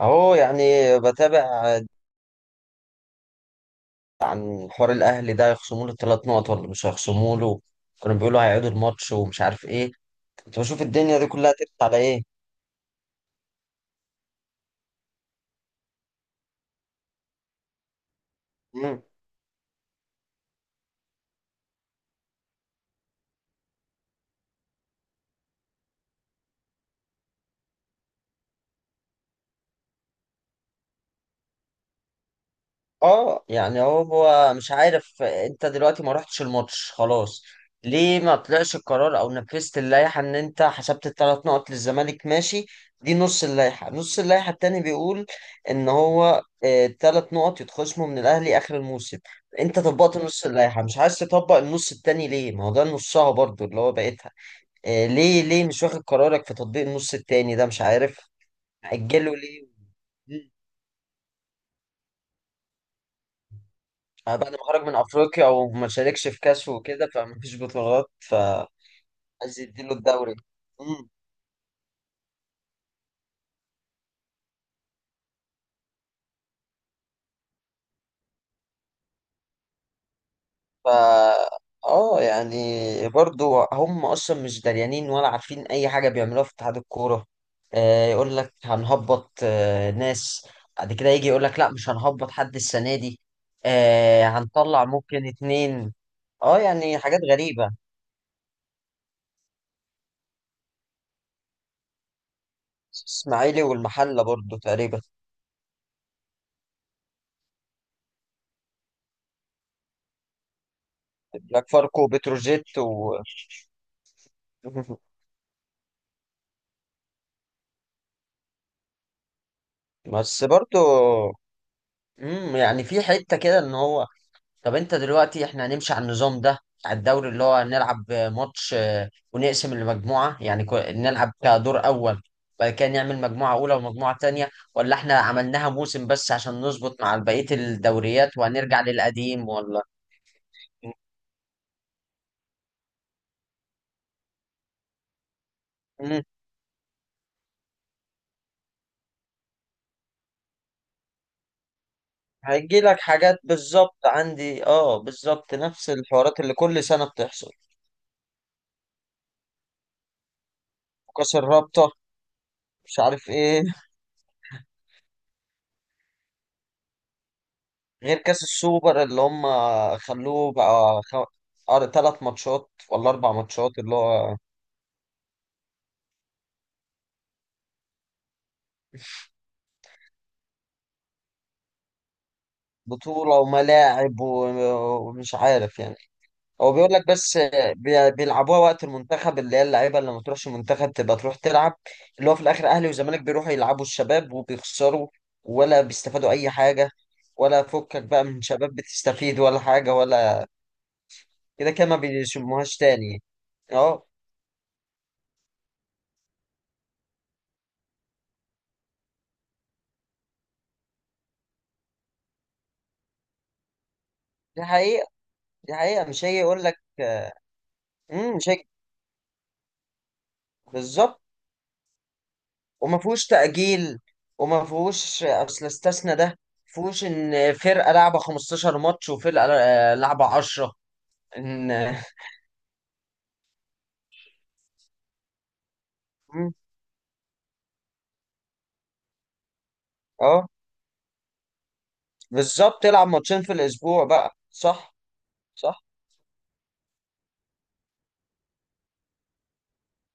اهو يعني، بتابع عن حوار الاهلي ده. هيخصموا له ثلاث نقط ولا مش هيخصموا له؟ كانوا بيقولوا هيعيدوا الماتش ومش عارف ايه. كنت بشوف الدنيا دي كلها ترفع على ايه. مم. اه يعني، هو هو مش عارف. انت دلوقتي ما رحتش الماتش خلاص. ليه ما طلعش القرار او نفذت اللائحه ان انت حسبت الثلاث نقط للزمالك؟ ماشي، دي نص اللائحه. نص اللائحه التاني بيقول ان هو الثلاث نقط يتخصموا من الاهلي اخر الموسم. انت طبقت نص اللائحه مش عايز تطبق النص التاني ليه؟ ما هو ده نصها برضو اللي هو بقيتها. ليه مش واخد قرارك في تطبيق النص التاني ده؟ مش عارف. اجله، ليه؟ بعد ما خرج من افريقيا وما شاركش في كاس وكده فما فيش بطولات، فعايز يديله الدوري. مم. ف اه يعني برضو، هم اصلا مش داريانين ولا عارفين اي حاجه بيعملوها في اتحاد الكوره. يقول لك هنهبط. ناس بعد كده يجي يقول لك لا مش هنهبط حد السنه دي. هنطلع ممكن اتنين. اه يعني حاجات غريبه. اسماعيلي والمحله برضو تقريبا. بلاك فاركو وبتروجيت و بس برضو. يعني في حته كده ان هو، طب انت دلوقتي احنا هنمشي على النظام ده بتاع الدوري، اللي هو هنلعب ماتش. ونقسم المجموعه، يعني نلعب كدور اول. بعد كده نعمل مجموعه اولى ومجموعه تانية، ولا احنا عملناها موسم بس عشان نظبط مع بقيه الدوريات وهنرجع للقديم، ولا؟ امم. هيجي لك حاجات بالظبط، عندي اه بالظبط نفس الحوارات اللي كل سنه بتحصل. كاس الرابطه، مش عارف ايه، غير كاس السوبر اللي هم خلوه بقى ثلاث ماتشات ولا اربع ماتشات، اللي هو بطولة وملاعب و- ومش عارف يعني. هو بيقول لك، بس بيلعبوها وقت المنتخب، اللي هي اللعيبة اللي ما تروحش المنتخب تبقى تروح تلعب. اللي هو في الاخر اهلي وزمالك بيروحوا يلعبوا الشباب وبيخسروا، ولا بيستفادوا اي حاجة؟ ولا فكك بقى، من شباب بتستفيد ولا حاجة ولا؟ كده كده ما بيسموهاش تاني. اه، دي حقيقة، دي حقيقة. مش هيجي يقول لك. مش هيجي. بالظبط. وما فيهوش تأجيل، وما فيهوش اصل استثنى ده. فيهوش ان فرقة لعبة 15 ماتش وفرقة لعبة 10. ان مم. اه بالظبط، تلعب ماتشين في الاسبوع بقى، صح. صح.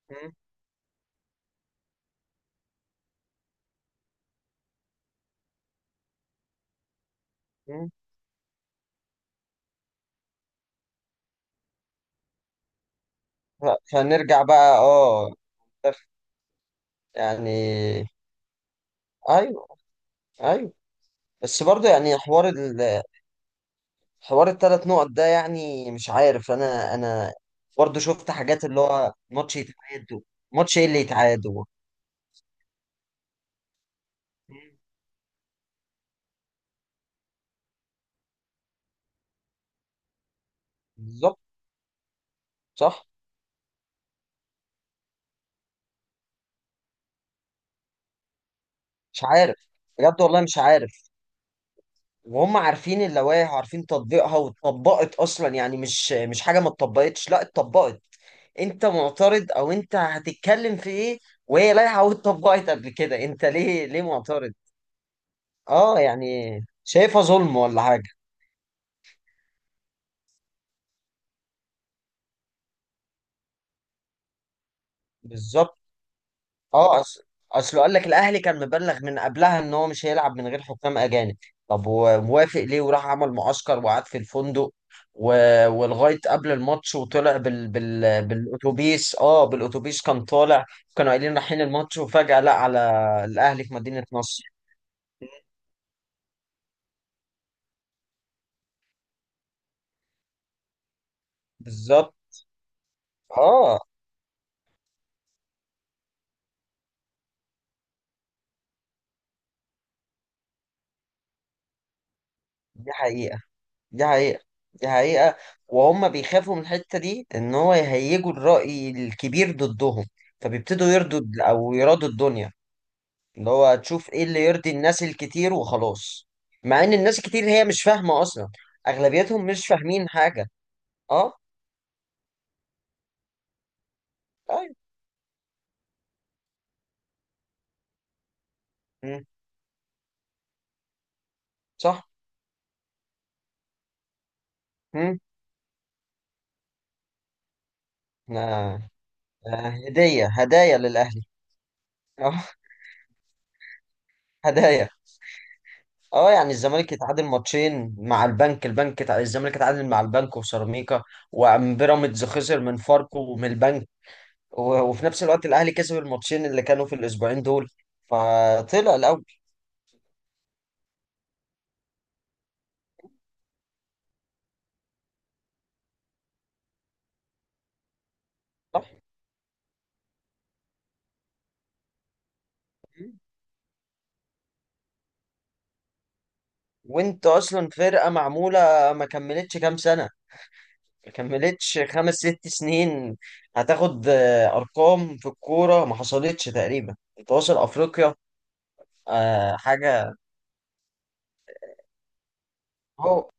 مم. مم. فنرجع بقى، اه يعني. ايوه. ايوه. بس برضه يعني، حوار الثلاث نقط ده، يعني مش عارف. انا برضه شفت حاجات اللي هو ماتش يتعادوا. ماتش ايه اللي يتعادوا؟ بالظبط. صح. مش عارف، بجد والله مش عارف. وهم عارفين اللوائح وعارفين تطبيقها، واتطبقت اصلا يعني، مش حاجه ما اتطبقتش، لا اتطبقت. انت معترض او انت هتتكلم في ايه؟ وهي لائحه واتطبقت قبل كده، انت ليه معترض؟ اه يعني، شايفها ظلم ولا حاجه. بالظبط. اه اصل، اصل قال لك الاهلي كان مبلغ من قبلها ان هو مش هيلعب من غير حكام اجانب. طب ووافق ليه وراح عمل معسكر وقعد في الفندق و... ولغايه قبل الماتش، وطلع بالاتوبيس، اه بالاتوبيس كان طالع. كانوا قايلين رايحين الماتش وفجاه لا. على الاهلي في مدينه نصر. بالظبط. اه، دي حقيقه، دي حقيقه، دي حقيقه. وهم بيخافوا من الحته دي، ان هو يهيجوا الراي الكبير ضدهم، فبيبتدوا يردوا او يرادوا الدنيا، اللي هو تشوف ايه اللي يرضي الناس الكتير وخلاص. مع ان الناس الكتير هي مش فاهمة اصلا، اغلبيتهم مش فاهمين حاجة. اه. طيب. مم. صح. مم. آه. آه، هدية. هدايا للاهلي. اه هدايا. اه يعني الزمالك يتعادل ماتشين مع البنك، البنك الزمالك يتعادل مع البنك وسيراميكا، وبيراميدز خسر من فاركو ومن البنك، و- وفي نفس الوقت الاهلي كسب الماتشين اللي كانوا في الاسبوعين دول، فطلع الاول. صح. وانت اصلا فرقه معموله، ما كملتش كام سنه، ما كملتش خمس ست سنين. هتاخد ارقام في الكوره ما حصلتش تقريبا، انت واصل افريقيا. آه حاجه. هو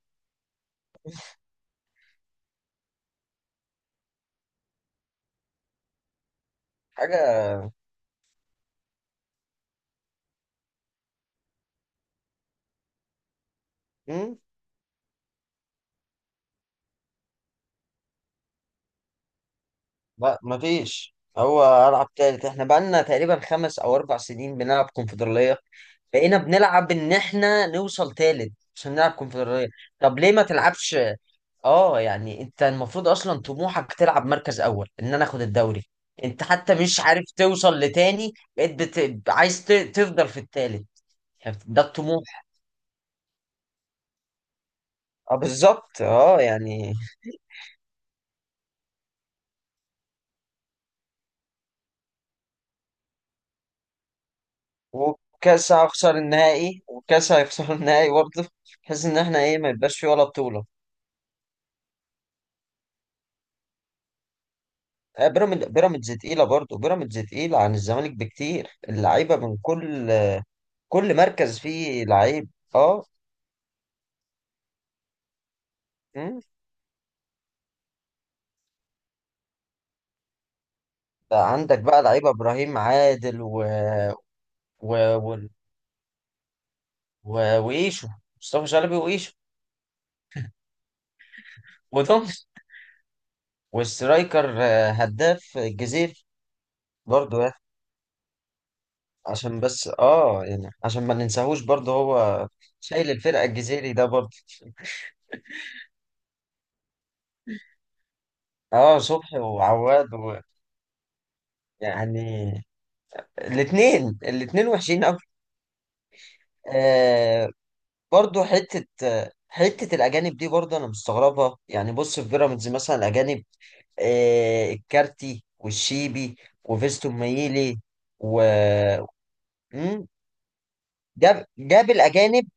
حاجه. مم؟ لا ما فيش، هو العب تالت. احنا بقالنا تقريبا خمس او اربع سنين بنلعب كونفدراليه. بقينا بنلعب ان احنا نوصل تالت عشان نلعب كونفدراليه. طب ليه ما تلعبش؟ اه يعني، انت المفروض اصلا طموحك تلعب مركز اول، ان انا اخد الدوري. انت حتى مش عارف توصل لتاني، بقيت عايز تفضل في التالت. يعني ده الطموح. اه بالظبط، اه يعني. وكاس هخسر النهائي، وكاس هيخسر النهائي برضه. بحيث ان احنا ايه، ما يبقاش فيه ولا بطولة. بيراميدز تقيلة برضه، بيراميدز تقيلة عن الزمالك بكتير، اللعيبة من كل كل مركز فيه لعيب. اه. مم. بقى عندك بقى لعيبة ابراهيم عادل و... و- وإيشو. مصطفى شلبي وإيشو وتومس. والسترايكر هداف الجزيرة برضه، يعني عشان بس اه يعني عشان ما ننساهوش برضه هو شايل الفرقة. الجزيري ده برضه. اه صبحي وعواد يعني الاثنين الاثنين وحشين قوي. آه برضو، حتة الأجانب دي برضو أنا مستغربها. يعني بص في بيراميدز مثلا الأجانب، آه الكارتي والشيبي وفيستون مايلي و... جاب الاجانب.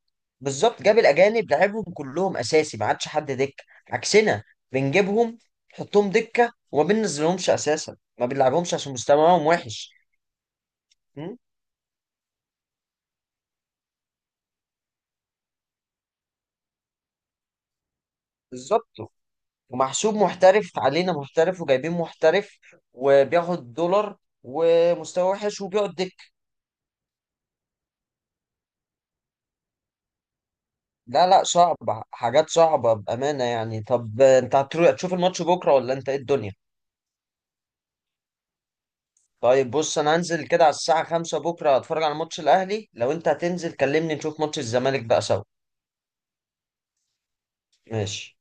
بالظبط، جاب الاجانب لعبهم كلهم اساسي، ما عادش حد دكه. عكسنا، بنجيبهم نحطهم دكه وما بننزلهمش اساسا، ما بنلعبهمش عشان مستواهم وحش. م? بالظبط، ومحسوب محترف، علينا محترف وجايبين محترف وبياخد دولار ومستوى وحش وبيقعد دك. لا لا، صعبة، حاجات صعبة بأمانة يعني. طب انت هتشوف الماتش بكرة، ولا انت ايه الدنيا؟ طيب بص، انا هنزل كده على الساعة 5 بكرة، اتفرج على ماتش الاهلي. لو انت هتنزل كلمني، نشوف ماتش الزمالك بقى سوا. ماشي.